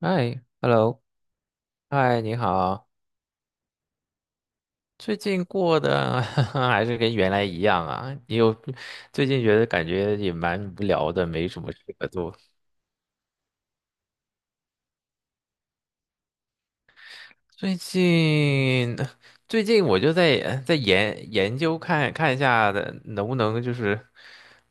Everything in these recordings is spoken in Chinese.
嗨，hello，嗨，你好，最近过的 还是跟原来一样啊？你有最近觉得感觉也蛮无聊的，没什么事可做。最近最近我就在研究看看一下的，能不能就是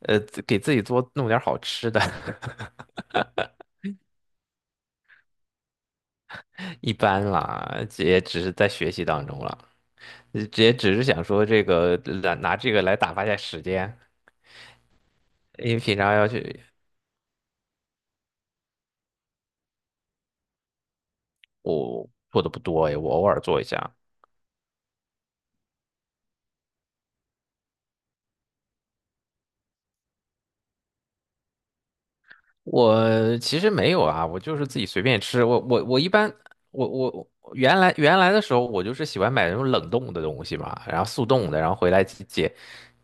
自给自己多弄点好吃的。一般啦，也只是在学习当中了，也只是想说这个拿这个来打发一下时间。因为平常要去，我做的不多哎，我偶尔做一下。我其实没有啊，我就是自己随便吃。我一般我我原来的时候，我就是喜欢买那种冷冻的东西嘛，然后速冻的，然后回来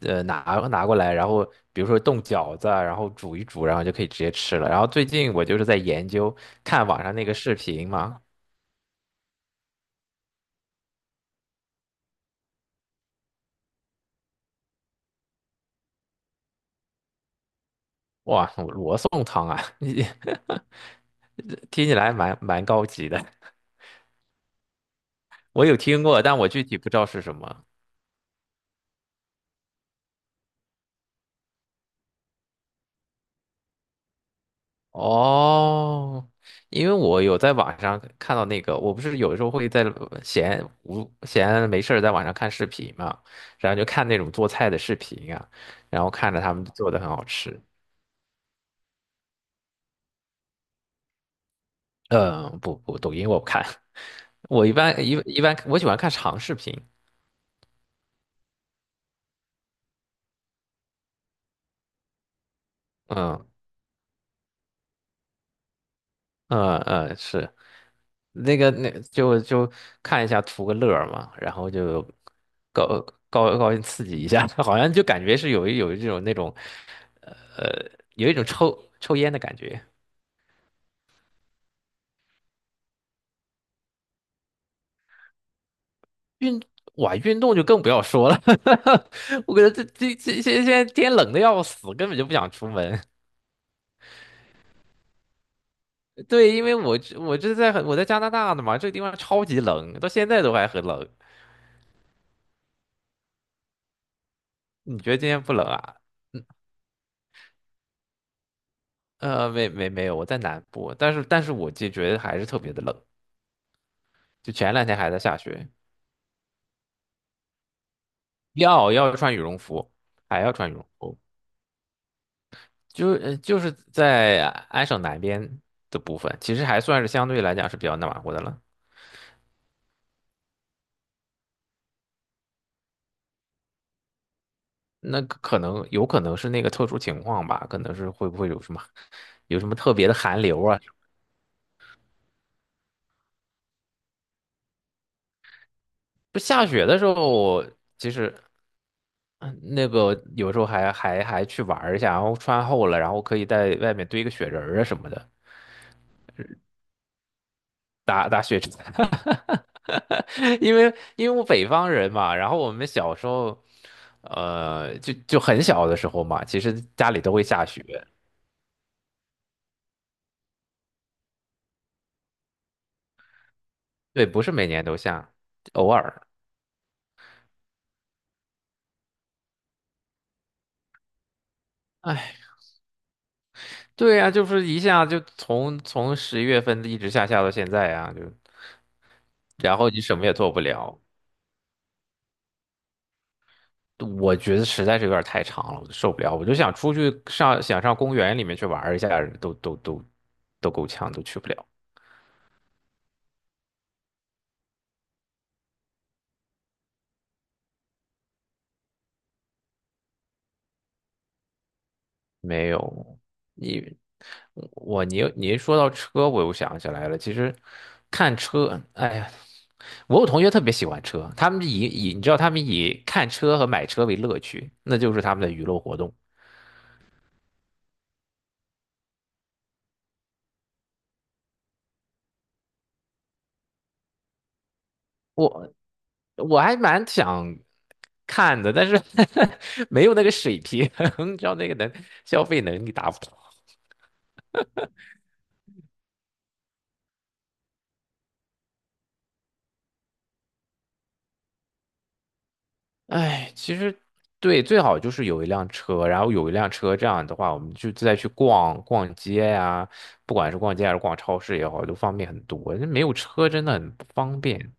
呃拿拿过来，然后比如说冻饺子啊，然后煮一煮，然后就可以直接吃了。然后最近我就是在研究看网上那个视频嘛，哇，罗宋汤啊，听起来蛮高级的，我有听过，但我具体不知道是什么。哦，因为我有在网上看到那个，我不是有时候会在闲没事儿在网上看视频嘛，然后就看那种做菜的视频啊，然后看着他们做的很好吃。嗯，不，抖音我不看，我一般一般我喜欢看长视频。嗯嗯嗯，是。那就看一下图个乐儿嘛，然后就高高兴刺激一下，好像就感觉是有一种那种呃有一种抽烟的感觉。运哇，运动就更不要说了，我感觉得这这这现在天冷的要死，根本就不想出门。对，因为我在加拿大的嘛，这个地方超级冷，到现在都还很冷。你觉得今天不冷啊？呃，没有，我在南部，但是我就觉得还是特别的冷。就前两天还在下雪，要穿羽绒服，还要穿羽绒服，就是在安省南边的部分，其实还算是相对来讲是比较暖和的了。那可能有可能是那个特殊情况吧，可能是会不会有什么有什么特别的寒流啊？就下雪的时候，其实嗯那个有时候还去玩儿一下，然后穿厚了，然后可以在外面堆个雪人儿啊什么的。打雪仗，因为我北方人嘛，然后我们小时候，呃，就很小的时候嘛，其实家里都会下雪，对，不是每年都下，偶尔。哎，对呀，就是一下就从十一月份一直下到现在啊，就然后你什么也做不了，我觉得实在是有点太长了，我就受不了，我就想出去上公园里面去玩一下，都都都都够呛，都去不了。没有，你。我你一说到车，我又想起来了。其实看车，哎呀，我有同学特别喜欢车，他们你知道他们以看车和买车为乐趣，那就是他们的娱乐活动。我我还蛮想看的，但是 没有那个水平，你知道那个消费能力达不到。哎，其实对，最好就是有一辆车，这样的话，我们就再去逛逛街呀、不管是逛街还是逛超市也好，都方便很多。那没有车真的很不方便，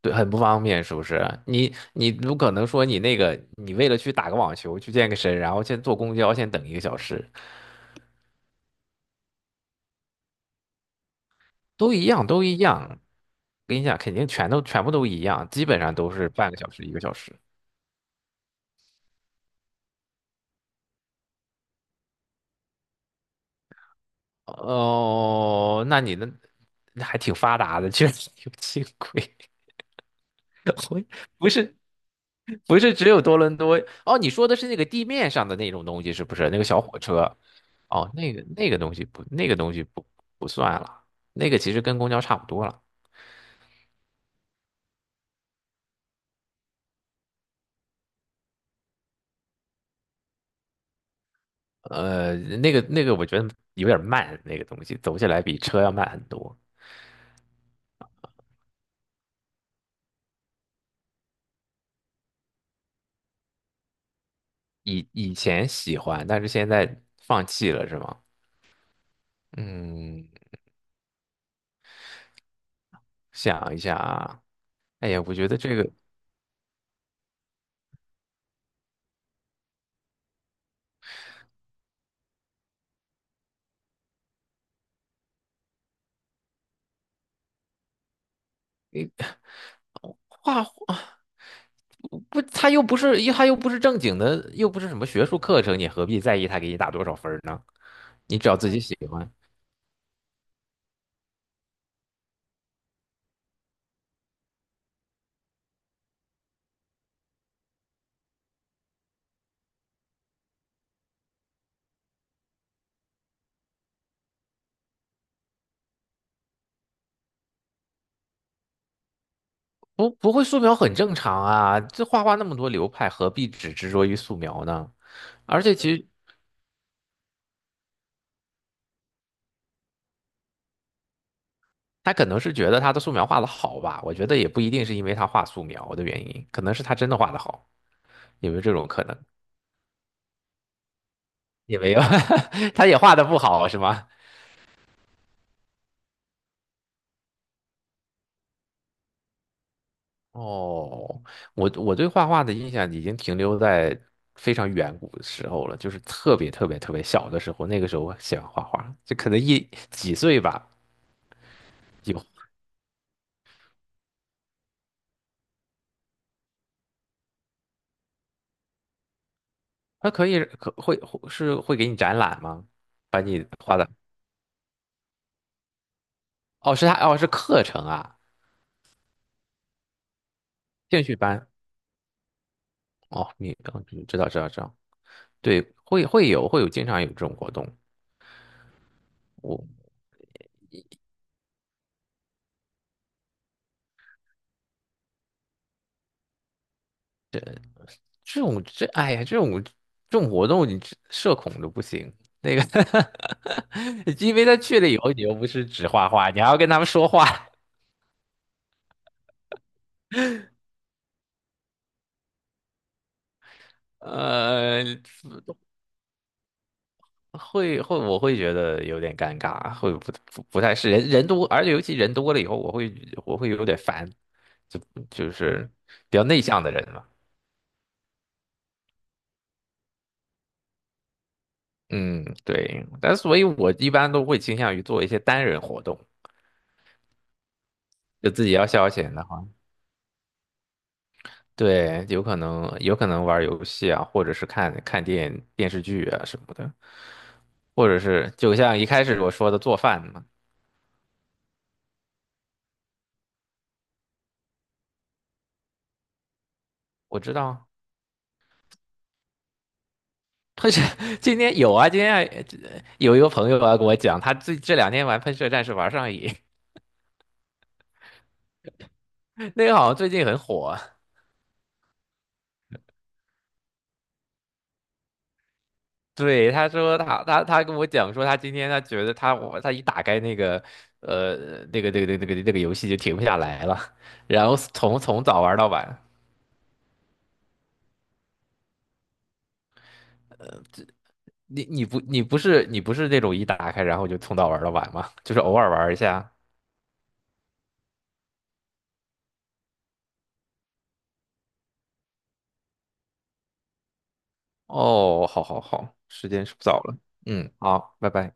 对，很不方便，是不是？你不可能说你那个，你为了去打个网球，去健个身，然后先坐公交，先等一个小时，都一样，都一样。跟你讲，肯定全部都一样，基本上都是半个小时一个小时。哦，那你的那还挺发达的，居然有轻轨，我不是不是只有多伦多哦？你说的是那个地面上的那种东西是不是？那个小火车？哦，那个那个东西不，那个东西不算了，那个其实跟公交差不多了。呃，那个我觉得有点慢，那个东西走起来比车要慢很多。以前喜欢，但是现在放弃了是吗？嗯，想一下。啊。哎呀，我觉得这个画画不，他又不是正经的，又不是什么学术课程，你何必在意他给你打多少分儿呢？你只要自己喜欢，不会素描很正常啊。这画画那么多流派，何必只执着于素描呢？而且其实他可能是觉得他的素描画的好吧，我觉得也不一定是因为他画素描的原因，可能是他真的画的好，有没有这种可能？也没有，他也画的不好是吗？哦，我对画画的印象已经停留在非常远古的时候了，就是特别小的时候，那个时候我喜欢画画，就可能一几岁吧，有，他可以可会会是会给你展览吗？把你画的，哦，是他哦是课程啊，兴趣班，哦，知道知道知道，对，会有经常有这种活动，我。这种这种活动你这社恐都不行。那个 因为他去了以后，你又不是只画画，你还要跟他们说话，呃，我会觉得有点尴尬，会不太是人人多，而且尤其人多了以后，我会有点烦，就是比较内向的人嘛。嗯，对，但所以我一般都会倾向于做一些单人活动，就自己要消遣，的对，有可能玩儿游戏啊，或者是看看电视剧啊什么的，或者是就像一开始我说的做饭嘛，我知道，喷射 今天有啊，今天还有一个朋友啊跟我讲，他最这两天玩喷射战士玩上瘾，那个好像最近很火啊。对，他说他跟我讲说，他今天他觉得他一打开那个呃那个游戏就停不下来了，然后从早玩到晚。你不是你不是那种一打开然后就从早玩到晚吗？就是偶尔玩一下。哦，好好好，时间是不早了。嗯，好，拜拜。